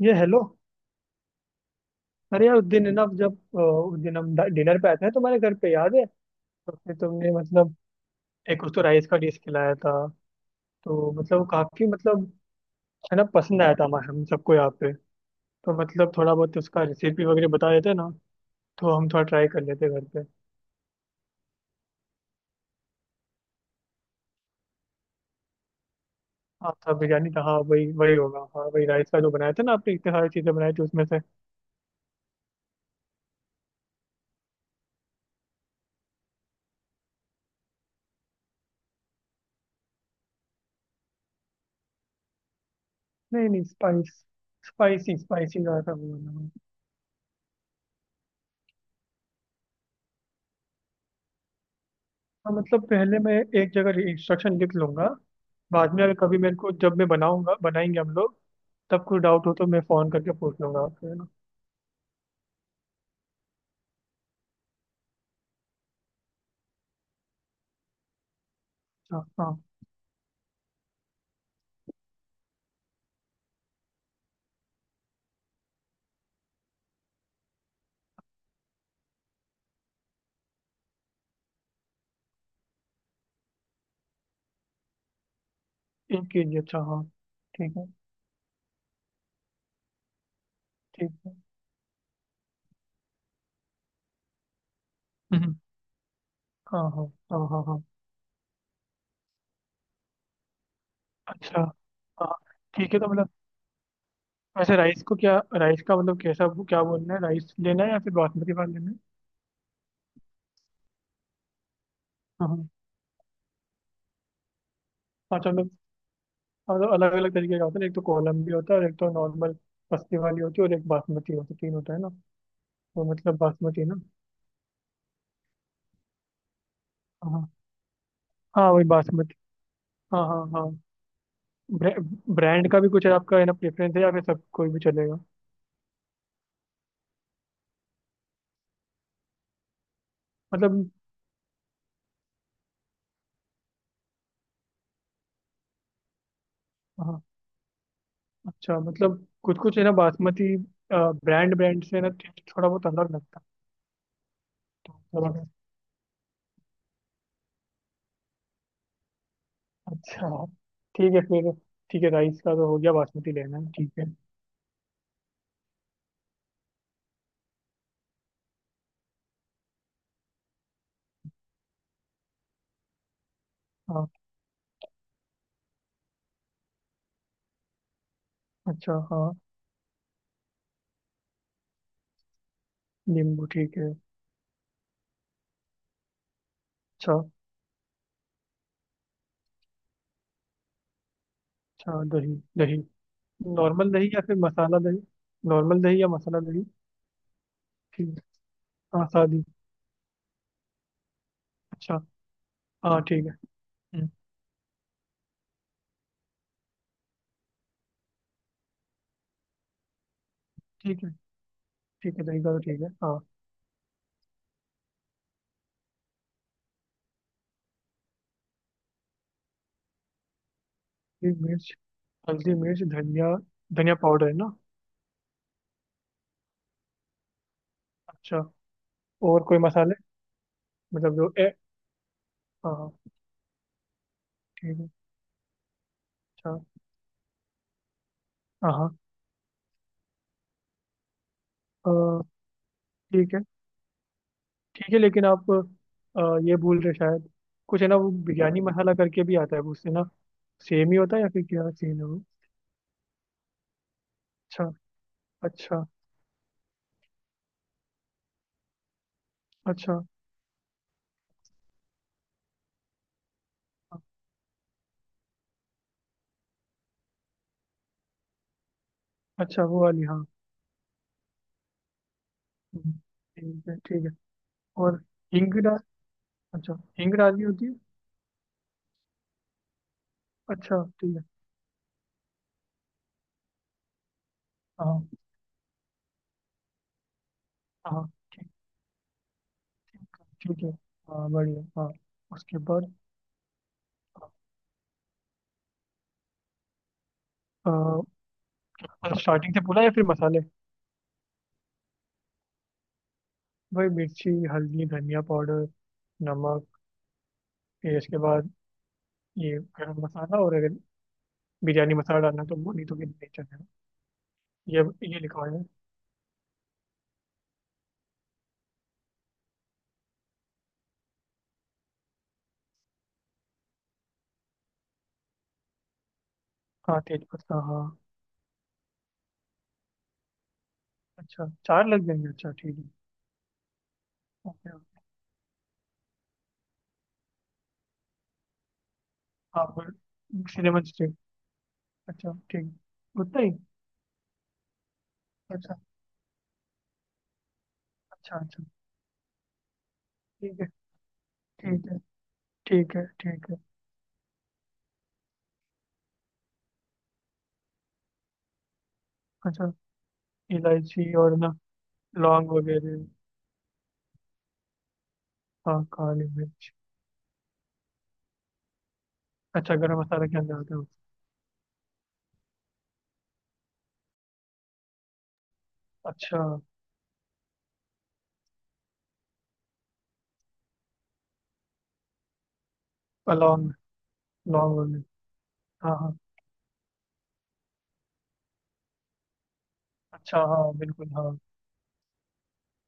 ये हेलो। अरे यार उस दिन है ना उस दिन हम डिनर पे आए थे ना तुम्हारे घर पे, याद है? तो फिर तुमने मतलब एक उस तो राइस का डिश खिलाया था। तो मतलब वो काफी मतलब है ना पसंद आया था हमारे हम सबको यहाँ पे। तो मतलब थोड़ा बहुत उसका रेसिपी वगैरह बता देते ना, तो हम थोड़ा ट्राई कर लेते घर पे। हाँ था, बिरयानी था। हाँ वही वही होगा, हाँ वही राइस का जो बनाया था ना आपने, इतने सारी चीजें बनाई थी उसमें से। नहीं नहीं, स्पाइसी स्पाइसी का था वो वाला। हाँ मतलब पहले मैं एक जगह इंस्ट्रक्शन लिख लूंगा। बाद में अगर कभी मेरे को, जब मैं बनाऊंगा बनाएंगे हम लोग, तब कोई डाउट हो तो मैं फोन करके पूछ लूंगा आपसे, है ना। अच्छा हाँ। एक के जी, अच्छा हाँ। ठीक है। ठीक है। हम्म। हाँ हाँ हाँ। हाँ हाँ। अच्छा हाँ। ठीक है तो मतलब वैसे राइस को क्या, राइस का मतलब कैसा क्या बोलना है, राइस लेना है या फिर बासमती वाला लेना है? हाँ हाँ। अच्छा मतलब, मतलब अलग अलग तरीके का होता है ना, एक तो कोलम भी होता है और एक तो नॉर्मल पस्ती वाली होती है और एक बासमती होती है, तीन होता है ना। तो मतलब बासमती ना। हाँ हाँ वही बासमती। हाँ हाँ हाँ। ब्रे, ब्रांड का भी कुछ है आपका, है ना? प्रेफरेंस है या फिर सब कोई भी चलेगा? मतलब, हाँ। अच्छा मतलब कुछ कुछ है ना बासमती, ब्रांड ब्रांड से ना टेस्ट थोड़ा बहुत अलग लगता है। तो मतलब अगर- अच्छा ठीक है फिर। ठीक है, राइस का तो हो गया, बासमती लेना है, ठीक है। हाँ, अच्छा हाँ। नींबू, ठीक है। अच्छा। अच्छा दही दही। नॉर्मल दही या फिर मसाला दही? नॉर्मल दही या मसाला दही? ठीक है। हाँ सादी। अच्छा। हाँ ठीक है। हम्म। ठीक है। ठीक है दही का तो, ठीक है हाँ। हरी मिर्च। हल्दी मिर्च धनिया। धनिया पाउडर है ना? अच्छा। और कोई मसाले? मतलब जो ए हाँ हाँ। ठीक है। अच्छा। हाँ हाँ। अ, ठीक है। ठीक है लेकिन आप ये बोल रहे शायद कुछ है ना वो बिरयानी मसाला करके भी आता है, वो उससे ना सेम ही होता है या फिर क्या, सेम है वो? अच्छा। अच्छा। अच्छा। अच्छा वो वाली, हाँ। हम्म। ठीक है ठीक है। और हिंग डाल अच्छा, हिंग डालनी होती है? अच्छा ठीक है। हाँ। हाँ ठीक है। हाँ बढ़िया, हाँ। उसके बाद? अ, स्टार्टिंग से बोला या फिर मसाले? भाई मिर्ची हल्दी धनिया पाउडर, नमक, फिर इसके बाद ये गरम मसाला, और अगर बिरयानी मसाला डालना तो वो, नहीं तो फिर नहीं चलेगा। ये ये लिखा हुआ है। हाँ तेज पत्ता, हाँ। अच्छा चार लग जाएंगे, अच्छा ठीक है। Okay okay. हाँ और cinnamon stick। अच्छा ठीक है, उतना ही। अच्छा। अच्छा। अच्छा। ठीक है। ठीक है ठीक है। ठीक है। अच्छा। इलायची और ना? लौंग वगैरह। हाँ काली मिर्च। अच्छा, गरम मसाला के अंदर होते हो। अच्छा लौंग। लौंग हो गई। हाँ हाँ। अच्छा हाँ, बिल्कुल हाँ।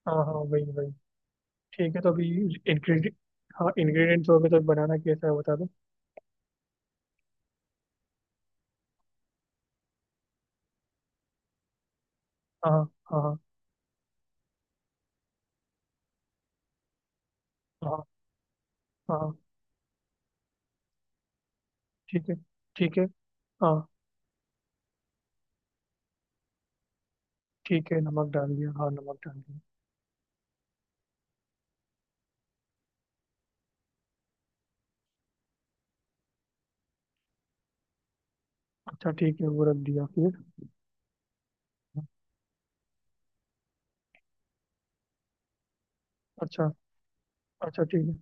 हाँ हाँ वही वही। ठीक है तो अभी इंग्रेडिएंट। हाँ इंग्रेडिएंट्स हो गए, तो बनाना कैसा है बता दो। हाँ हाँ। हाँ हाँ हाँ। ठीक है। ठीक है। हाँ। ठीक है नमक डाल दिया, हाँ नमक डाल दिया। अच्छा ठीक है वो रख दिया फिर। अच्छा। अच्छा ठीक है।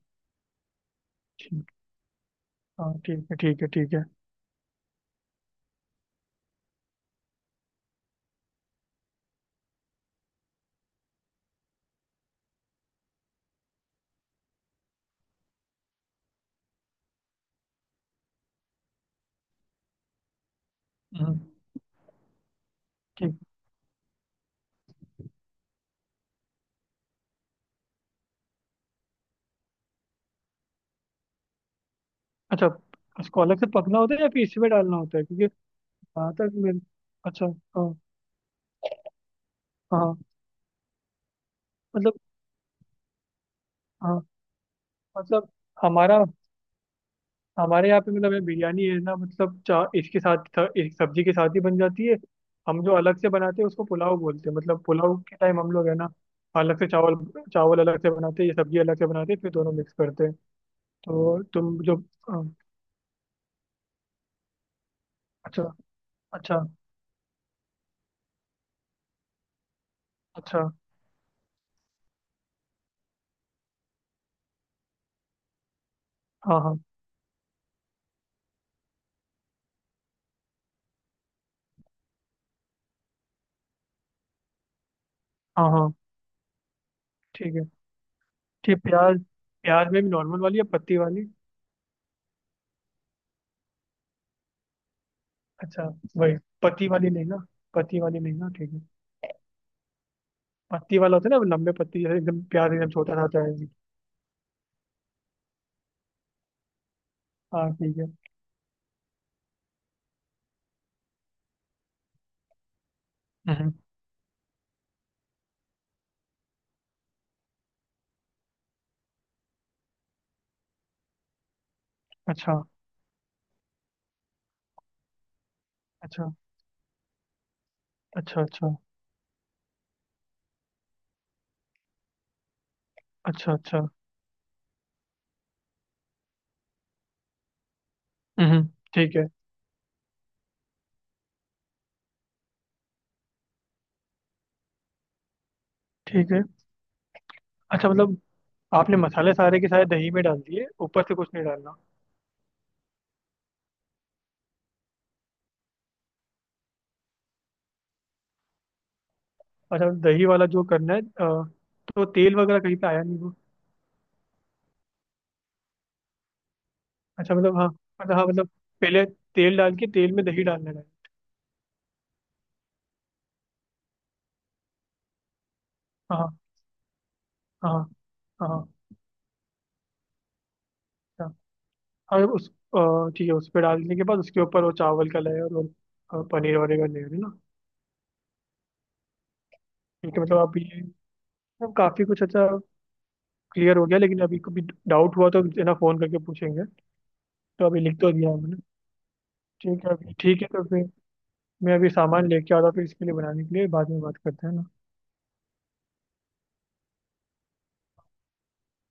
ठीक। हाँ ठीक है ठीक है ठीक है। हम्म। ठीक। अच्छा, इसको अलग से पकना होता है या फिर इसमें डालना होता है, क्योंकि वहां तक मिल। अच्छा। हाँ। हाँ। मतलब, हाँ मतलब हमारा, हमारे यहाँ पे मतलब ये बिरयानी है ना, मतलब चा इसके साथ एक सब्जी के साथ ही बन जाती है। हम जो अलग से बनाते हैं उसको पुलाव बोलते हैं, मतलब पुलाव के टाइम हम लोग है ना अलग से चावल, चावल अलग से बनाते हैं, ये सब्जी अलग से बनाते हैं, फिर दोनों मिक्स करते हैं। तो तुम जो। हाँ, अच्छा। अच्छा। अच्छा। हाँ हाँ हाँ। हाँ। ठीक है। ठीक, प्याज। प्याज में भी नॉर्मल वाली या पत्ती वाली? अच्छा। वही, पत्ती वाली लेना, पत्ती वाली लेना ठीक है। पत्ती वाला होता है ना, वो लंबे पत्ती जैसे एकदम, प्याज एकदम छोटा सा होता है। हाँ ठीक है। हम्म। अच्छा। अच्छा। अच्छा। अच्छा। अच्छा। अच्छा। हम्म। ठीक है। ठीक है। अच्छा मतलब, आपने मसाले सारे के सारे दही में डाल दिए, ऊपर से कुछ नहीं डालना? अच्छा दही वाला जो करना है, तो तेल वगैरह कहीं पे आया नहीं वो? अच्छा मतलब हाँ, मतलब हाँ मतलब पहले तेल डाल के तेल में दही डालना है। हाँ हाँ हाँ। हाँ हाँ। हाँ, अच्छा। और उस ठीक है, उस पर डालने के बाद उसके ऊपर वो चावल का लेयर और पनीर वगैरह का लेयर है ना? ठीक है मतलब आप ये, अब काफी कुछ अच्छा क्लियर हो गया, लेकिन अभी कभी डाउट हुआ तो है ना फोन करके पूछेंगे। तो अभी लिख तो दिया हमने, ठीक है अभी, ठीक है तो फिर मैं अभी सामान लेके आता हूँ, फिर इसके लिए बनाने के लिए बाद में बात करते हैं ना।